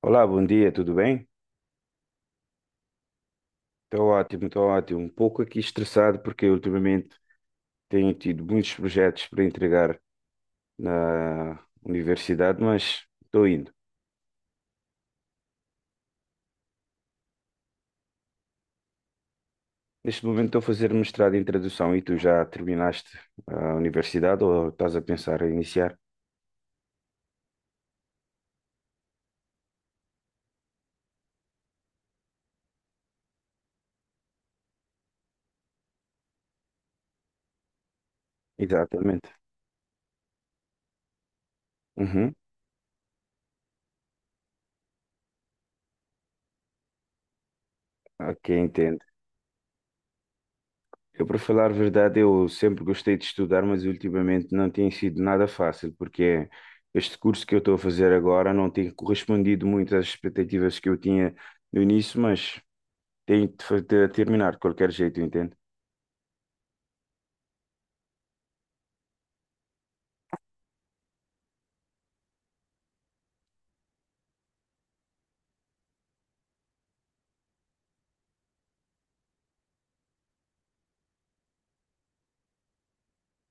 Olá, bom dia, tudo bem? Estou ótimo, estou ótimo. Um pouco aqui estressado porque ultimamente tenho tido muitos projetos para entregar na universidade, mas estou indo. Neste momento estou a fazer mestrado em tradução e tu já terminaste a universidade ou estás a pensar em iniciar? Exatamente. Uhum. Ok, entendo. Eu, para falar a verdade, eu sempre gostei de estudar, mas ultimamente não tem sido nada fácil, porque este curso que eu estou a fazer agora não tem correspondido muito às expectativas que eu tinha no início, mas tenho de terminar de qualquer jeito, entende?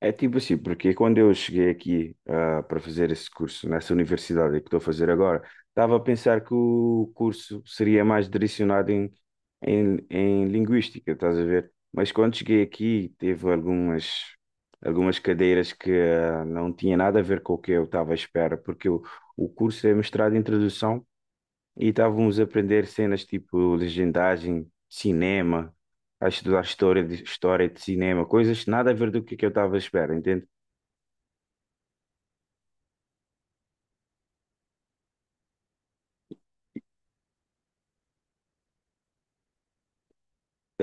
É tipo assim, porque quando eu cheguei aqui para fazer esse curso nessa universidade que estou a fazer agora, estava a pensar que o curso seria mais direcionado em linguística, estás a ver? Mas quando cheguei aqui, teve algumas cadeiras que não tinha nada a ver com o que eu estava à espera, porque o curso é mestrado em tradução e estávamos a aprender cenas tipo legendagem, cinema, a estudar história de cinema, coisas nada a ver que eu estava à espera, entende?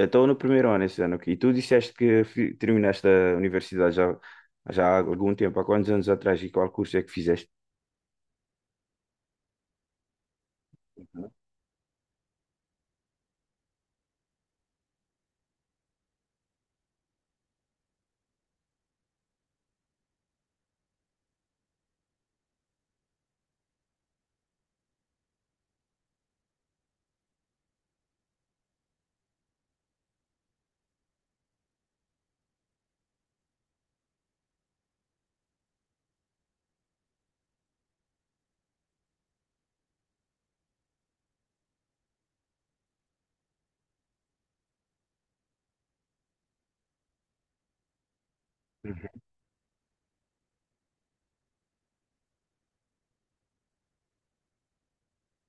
Estou no primeiro ano esse ano aqui. E tu disseste que terminaste a universidade já, já há algum tempo, há quantos anos atrás e qual curso é que fizeste? Uhum.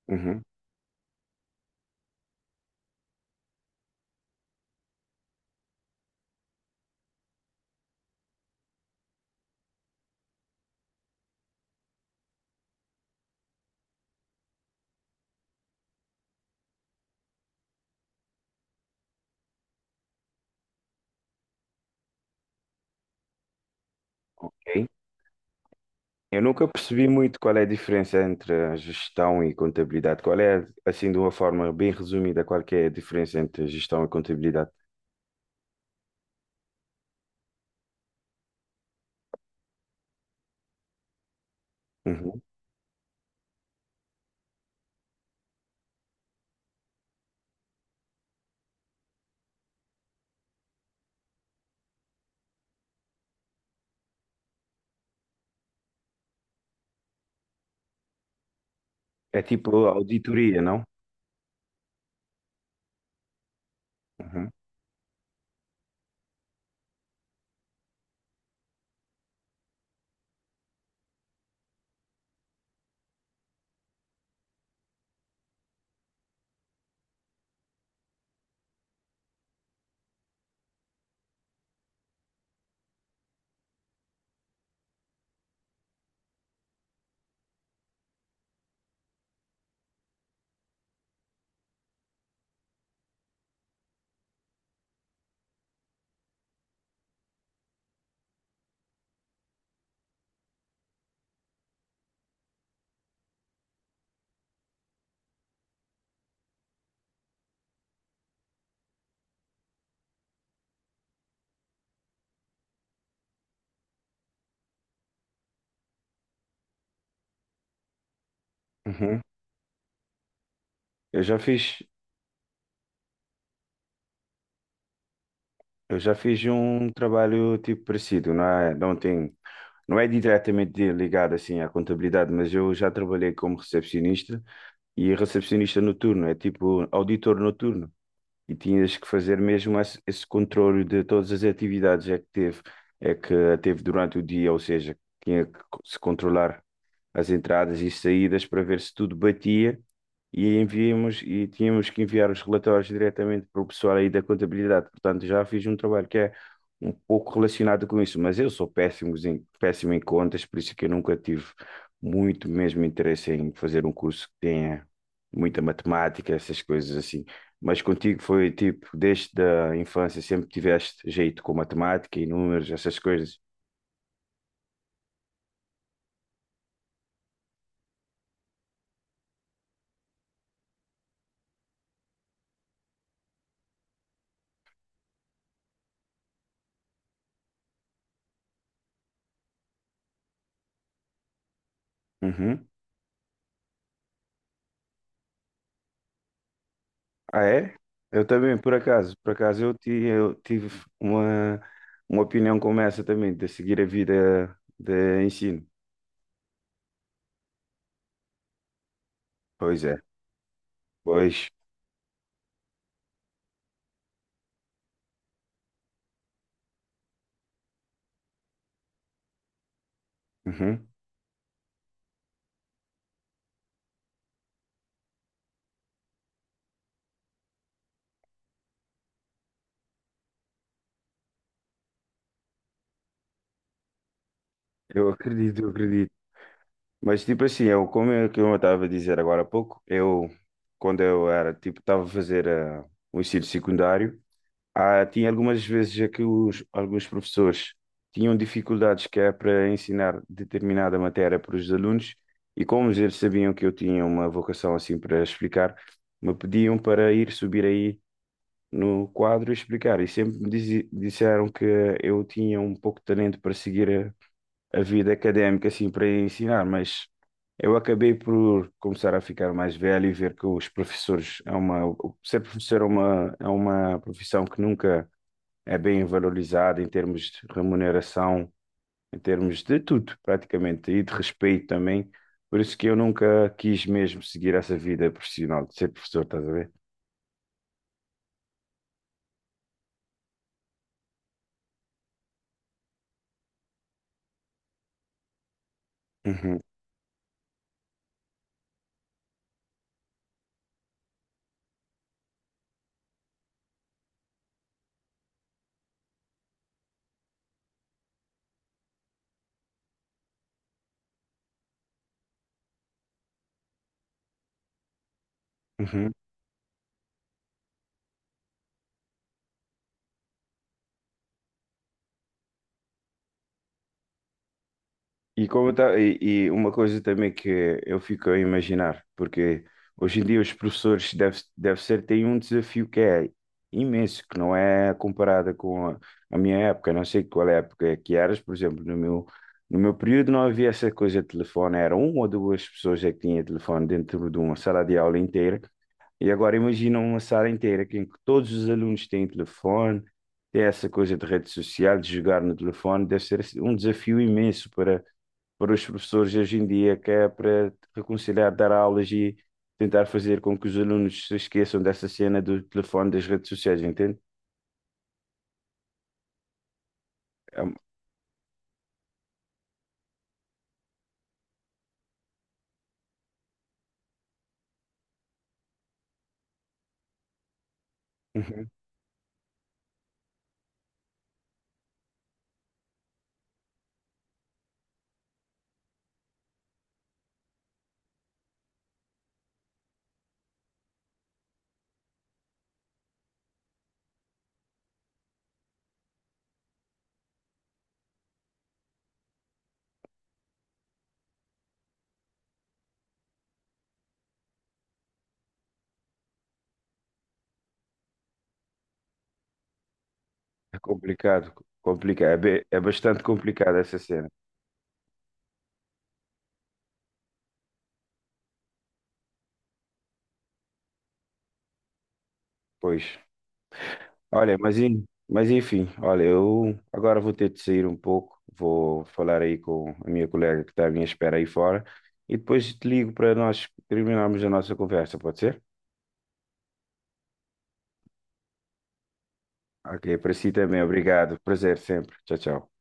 Uhum. Ok. Eu nunca percebi muito qual é a diferença entre a gestão e contabilidade. Qual é, assim, de uma forma bem resumida, qual que é a diferença entre gestão e contabilidade? Uhum. É tipo auditoria, não? Uhum. Uhum. Eu já fiz, eu já fiz um trabalho tipo parecido, não é, não tem, não é diretamente ligado assim à contabilidade, mas eu já trabalhei como recepcionista e recepcionista noturno, é tipo auditor noturno e tinhas que fazer mesmo esse controle de todas as atividades que teve durante o dia, ou seja, tinha que se controlar as entradas e saídas para ver se tudo batia e enviamos e tínhamos que enviar os relatórios diretamente para o pessoal aí da contabilidade. Portanto, já fiz um trabalho que é um pouco relacionado com isso, mas eu sou péssimo em contas, por isso é que eu nunca tive muito mesmo interesse em fazer um curso que tenha muita matemática, essas coisas assim. Mas contigo foi tipo, desde a infância sempre tiveste jeito com matemática e números, essas coisas. Uhum. Ah, é? Eu também, por acaso. Por acaso eu tive uma, uma opinião como essa também, de seguir a vida de ensino. Pois é, pois. Uhum. Eu acredito, eu acredito. Mas tipo assim, como é que eu estava a dizer agora há pouco, eu, quando eu era, tipo, estava a fazer o ensino secundário. Ah, tinha algumas vezes já que alguns professores tinham dificuldades que é para ensinar determinada matéria para os alunos e, como eles sabiam que eu tinha uma vocação assim para explicar, me pediam para ir subir aí no quadro e explicar. E sempre me disseram que eu tinha um pouco de talento para seguir a vida académica assim para ensinar, mas eu acabei por começar a ficar mais velho e ver que os professores é uma, ser professor é uma profissão que nunca é bem valorizado em termos de remuneração, em termos de tudo, praticamente, e de respeito também. Por isso que eu nunca quis mesmo seguir essa vida profissional de ser professor, estás a ver? Uhum, uhum. E, como tá, e uma coisa também que eu fico a imaginar, porque hoje em dia os professores deve ser têm um desafio que é imenso, que não é comparada com a minha época, não sei qual é a época é que eras. Por exemplo, no meu período não havia essa coisa de telefone, era uma ou duas pessoas é que tinha telefone dentro de uma sala de aula inteira, e agora imagina uma sala inteira em que todos os alunos têm telefone, tem essa coisa de rede social, de jogar no telefone. Deve ser assim um desafio imenso para os professores hoje em dia, que é para reconciliar dar aulas e tentar fazer com que os alunos se esqueçam dessa cena do telefone, das redes sociais, entende? É, um-. Uhum. É complicado, complicado, é bastante complicado essa cena, pois. Olha, mas enfim, olha, eu agora vou ter de sair um pouco, vou falar aí com a minha colega que está à minha espera aí fora e depois te ligo para nós terminarmos a nossa conversa, pode ser? Ok, para si também, obrigado, prazer sempre, tchau, tchau.